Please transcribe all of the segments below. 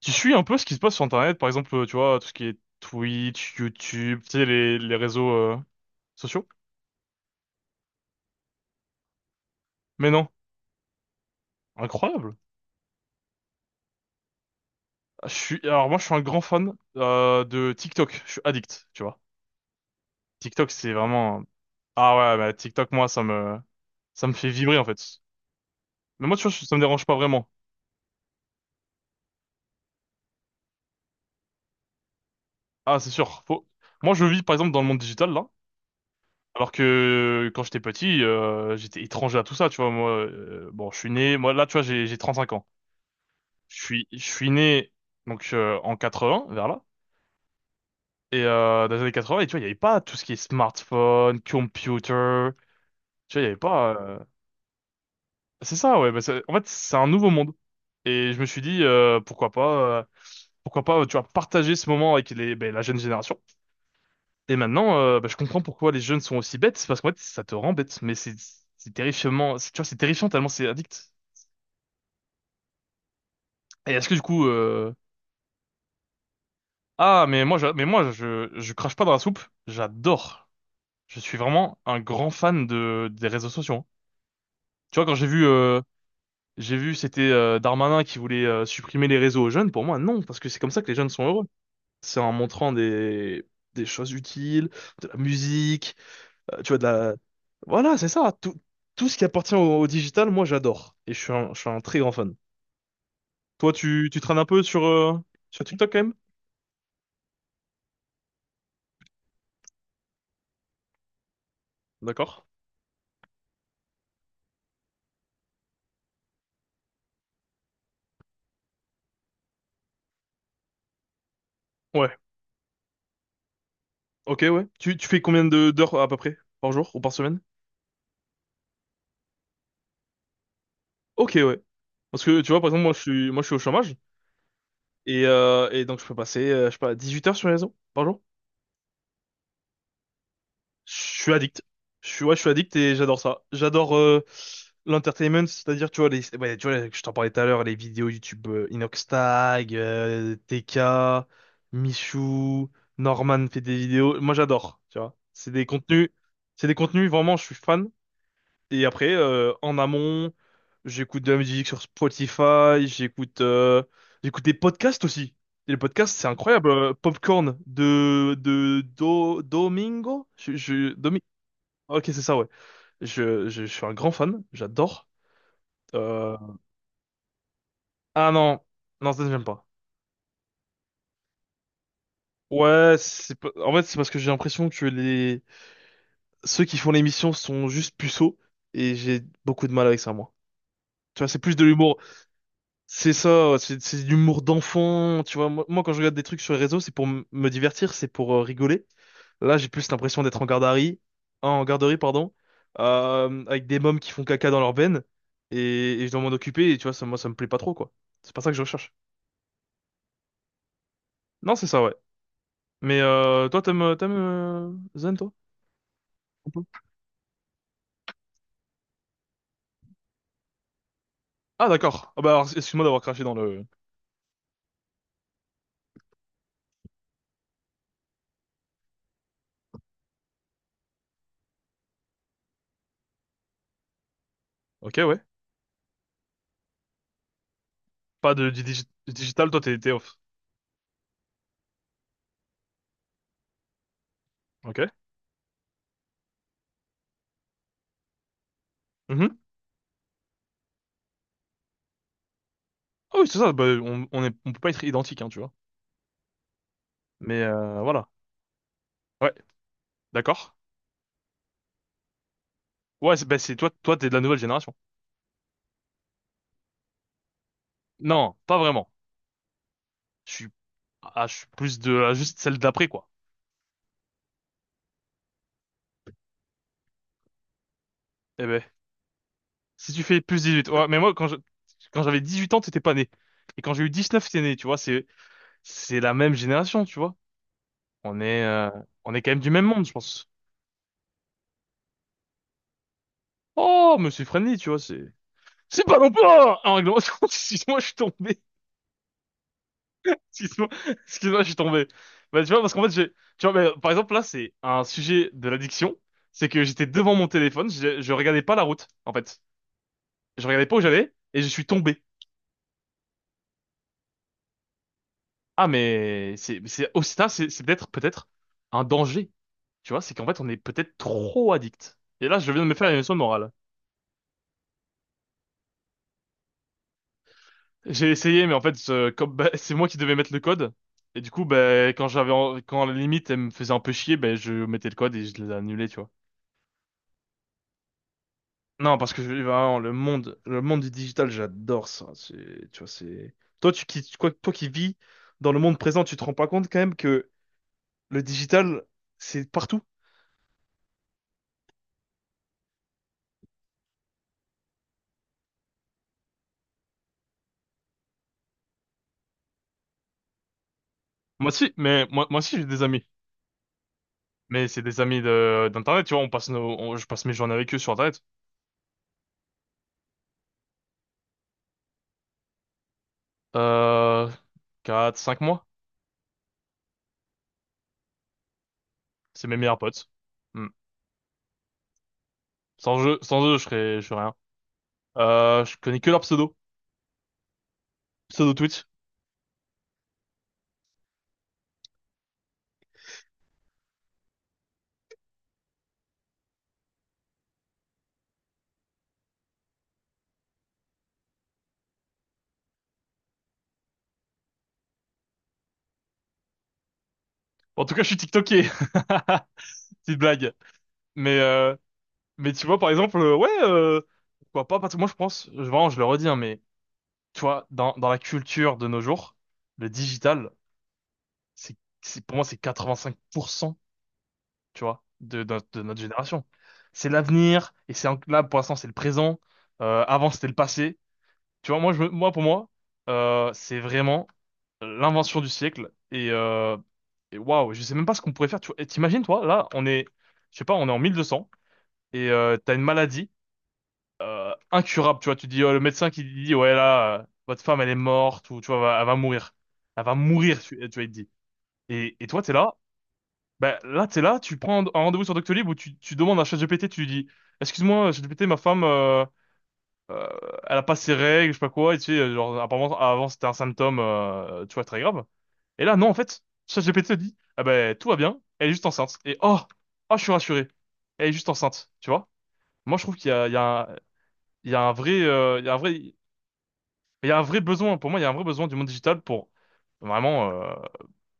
Tu suis un peu ce qui se passe sur Internet, par exemple, tu vois, tout ce qui est Twitch, YouTube, tu sais, les réseaux sociaux? Mais non, incroyable. Ah, je suis, alors moi, je suis un grand fan de TikTok. Je suis addict, tu vois. TikTok, c'est vraiment. Ah ouais, bah, TikTok, ça me fait vibrer en fait. Mais moi, tu vois, ça me dérange pas vraiment. Ah, c'est sûr. Faut... Moi, je vis par exemple dans le monde digital là, alors que quand j'étais petit, j'étais étranger à tout ça, tu vois. Moi, bon, je suis né. Moi, là, tu vois, j'ai 35 ans. Je suis né donc en 80, vers là. Et dans les années 80, et tu vois, il n'y avait pas tout ce qui est smartphone, computer. Tu vois, il n'y avait pas. C'est ça, ouais. Bah, en fait, c'est un nouveau monde. Et je me suis dit, pourquoi pas, tu vois, partager ce moment avec ben, la jeune génération. Et maintenant, bah, je comprends pourquoi les jeunes sont aussi bêtes. C'est parce qu'en fait, ça te rend bête. Mais c'est terrifiant. Tu vois, c'est terrifiant tellement c'est addict. Et est-ce que du coup, ah, mais moi, je crache pas dans la soupe. J'adore. Je suis vraiment un grand fan de des réseaux sociaux, hein. Tu vois, quand j'ai j'ai vu, c'était Darmanin qui voulait supprimer les réseaux aux jeunes. Pour moi, non, parce que c'est comme ça que les jeunes sont heureux. C'est en montrant des choses utiles, de la musique, euh, tu vois, de la, voilà, c'est ça. Tout ce qui appartient au digital, moi, j'adore. Et je suis je suis un très grand fan. Toi, tu traînes un peu sur sur TikTok quand même? D'accord. Ouais. Ok, ouais. Tu fais combien de d'heures à peu près par jour ou par semaine? Ok, ouais. Parce que tu vois, par exemple, moi, je suis au chômage. Et, donc je peux passer, je sais pas, 18 heures sur les réseaux par jour. Je suis addict. Je suis addict et j'adore ça. J'adore l'entertainment, c'est-à-dire, tu vois, je t'en parlais tout à l'heure, les vidéos YouTube, Inox Tag, TK, Michou, Norman fait des vidéos. Moi, j'adore, tu vois. C'est des contenus, vraiment, je suis fan. Et après, en amont, j'écoute de la musique sur Spotify, j'écoute des podcasts aussi. Et les podcasts, c'est incroyable. Popcorn de Domingo, ok, c'est ça, ouais. Je suis un grand fan, j'adore. Euh, Ah non, non, ça j'aime pas. Ouais, c'est pas- en fait c'est parce que j'ai l'impression que les ceux qui font l'émission sont juste puceaux et j'ai beaucoup de mal avec ça moi. Tu vois, c'est plus de l'humour. C'est ça, ouais, c'est de l'humour d'enfant, tu vois. Moi, quand je regarde des trucs sur les réseaux, c'est pour me divertir, c'est pour rigoler. Là, j'ai plus l'impression d'être en garderie, hein, en garderie, pardon, avec des mômes qui font caca dans leurs veine, et je dois m'en occuper, et tu vois, ça, moi, ça me plaît pas trop, quoi. C'est pas ça que je recherche. Non, c'est ça, ouais. Mais toi, t'aimes Zen, toi? Un peu ah, d'accord. Ah bah, alors, excuse-moi d'avoir craché dans le... Ok, ouais. Pas de, du digital, toi, t'es off. Ok. Mhm. Ah oui, c'est ça, bah, on est, on peut pas être identique, hein, tu vois. Mais voilà. Ouais, d'accord. Ouais, c'est, bah, toi, t'es de la nouvelle génération. Non, pas vraiment. Je suis, je suis plus de, ah, juste celle d'après, quoi. Eh ben, si tu fais plus 18, ouais, mais quand j'avais 18 ans, t'étais pas né. Et quand j'ai eu 19, t'es né, tu vois, c'est la même génération, tu vois. On on est quand même du même monde, je pense. Oh, mais c'est friendly, tu vois, c'est pas non plus un règlement. Excuse-moi, je suis tombé. Excuse-moi, excuse-moi, je suis tombé. Bah, tu vois, parce qu'en fait, j'ai, tu vois, mais, par exemple, là, c'est un sujet de l'addiction. C'est que j'étais devant mon téléphone, je regardais pas la route, en fait. Je regardais pas où j'allais et je suis tombé. Ah, mais c'est aussi ça, c'est peut-être, peut-être un danger. Tu vois, c'est qu'en fait, on est peut-être trop addict. Et là, je viens de me faire une leçon de morale. J'ai essayé, mais en fait, comme, bah, c'est moi qui devais mettre le code. Et du coup, bah, quand quand la limite, elle me faisait un peu chier, ben je mettais le code et je les annulais, tu vois. Non, parce que vraiment, le monde du digital, j'adore ça. C'est, tu vois, c'est. Toi qui vis dans le monde présent, tu te rends pas compte quand même que le digital, c'est partout. Moi aussi, mais moi aussi j'ai des amis. Mais c'est des amis de d'internet, tu vois, on passe nos, on- je passe mes journées avec eux sur internet. Euh, 4, 5 mois, c'est mes meilleurs potes. Hmm. Sans eux, je serais rien. Je connais que leur pseudo, pseudo Twitch. En tout cas, je suis TikToké. Petite blague. Mais mais tu vois, par exemple, pourquoi pas, parce que moi je pense, vraiment, je le redis, hein, mais tu vois, dans la culture de nos jours, le digital, c'est, pour moi, c'est 85%, tu vois, de notre génération. C'est l'avenir, et là, pour l'instant, c'est le présent, avant, c'était le passé. Tu vois, moi, pour moi, c'est vraiment l'invention du siècle, et waouh, je sais même pas ce qu'on pourrait faire, tu vois. Et t'imagines, toi, là, je sais pas, on est en 1200, et t'as une maladie, incurable, tu vois. Tu dis, oh, le médecin qui dit, ouais, là, votre femme, elle est morte, ou tu vois, elle va mourir. Elle va mourir, tu vois, il te dit. Et, t'es là, ben là, t'es là, tu prends un rendez-vous sur Doctolib où tu demandes à ChatGPT, tu lui dis, excuse-moi, ChatGPT, ma femme, euh, elle a pas ses règles, je sais pas quoi, et tu sais, genre, apparemment, avant, c'était un symptôme, tu vois, très grave. Et là, non, en fait, ChatGPT te dit, ah ben, tout va bien, elle est juste enceinte. Et oh, je suis rassuré, elle est juste enceinte, tu vois. Moi, je trouve il y a un- il y a un il y a un vrai mais il y a un vrai besoin, pour moi, il y a un vrai besoin du monde digital pour vraiment,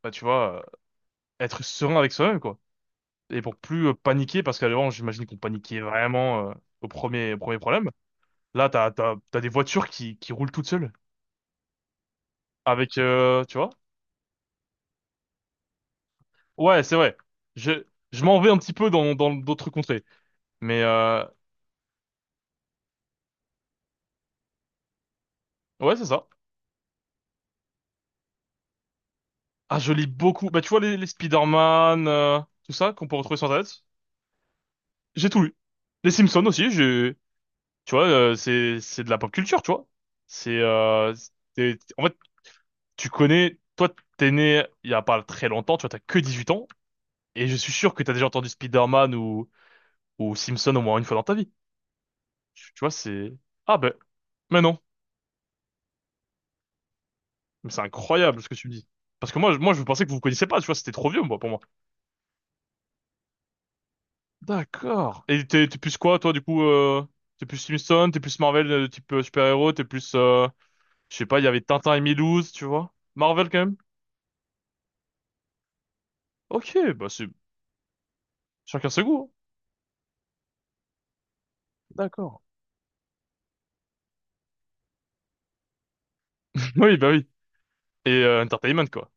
bah, tu vois, euh, être serein avec soi-même, quoi. Et pour plus paniquer, parce qu'avant, j'imagine qu'on paniquait vraiment au premier problème. Là, t'as des voitures qui roulent toutes seules. Avec, tu vois? Ouais, c'est vrai. Je, je m'en vais un petit peu dans d'autres contrées. Mais, ouais, c'est ça. Ah, je lis beaucoup. Bah, tu vois, les Spider-Man, tout ça, qu'on peut retrouver sur Internet. J'ai tout lu. Les Simpsons aussi, j'ai, tu vois, c'est de la pop culture, tu vois. C'est en fait, tu connais, toi, t'es né il y a pas très longtemps, tu vois, t'as que 18 ans, et je suis sûr que t'as déjà entendu Spider-Man ou Simpson au moins une fois dans ta vie. Tu vois, c'est ah ben, mais non, mais c'est incroyable ce que tu me dis. Parce que moi, je pensais que vous vous connaissiez pas, tu vois, c'était trop vieux, moi, pour moi. D'accord. Et t'es plus quoi, toi, du coup, t'es plus Simpson, t'es plus Marvel, type super-héros, t'es plus, je sais pas, il y avait Tintin et Milouz, tu vois. Marvel quand même. Ok, bah c'est chacun ce goût, hein. D'accord. Oui, bah oui. Et entertainment, quoi.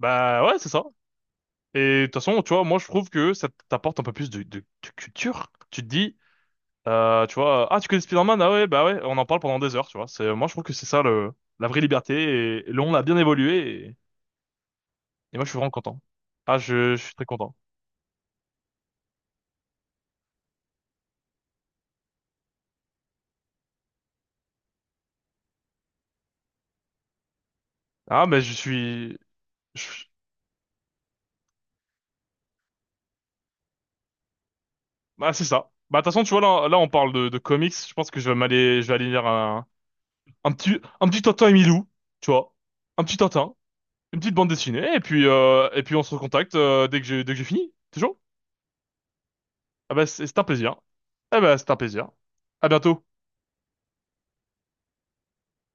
Bah ouais, c'est ça. Et de toute façon, tu vois, moi je trouve que ça t'apporte un peu plus de culture. Tu te dis, tu vois, ah tu connais Spider-Man, ah ouais, bah ouais, on en parle pendant des heures, tu vois. C'est, moi je trouve que c'est ça le, la vraie liberté. Et le on a bien évolué et moi je suis vraiment content. Je suis très content. Ah, mais je suis... je- Bah c'est ça. Bah de toute façon, tu vois, là, là on parle de comics. Je pense que je vais aller lire un petit Tintin et Milou, tu vois. Un petit Tintin. Une petite bande dessinée et puis on se recontacte dès que j'ai fini. C'est chaud? Ah bah c'est un plaisir. Ah bah c'est un plaisir. À bientôt.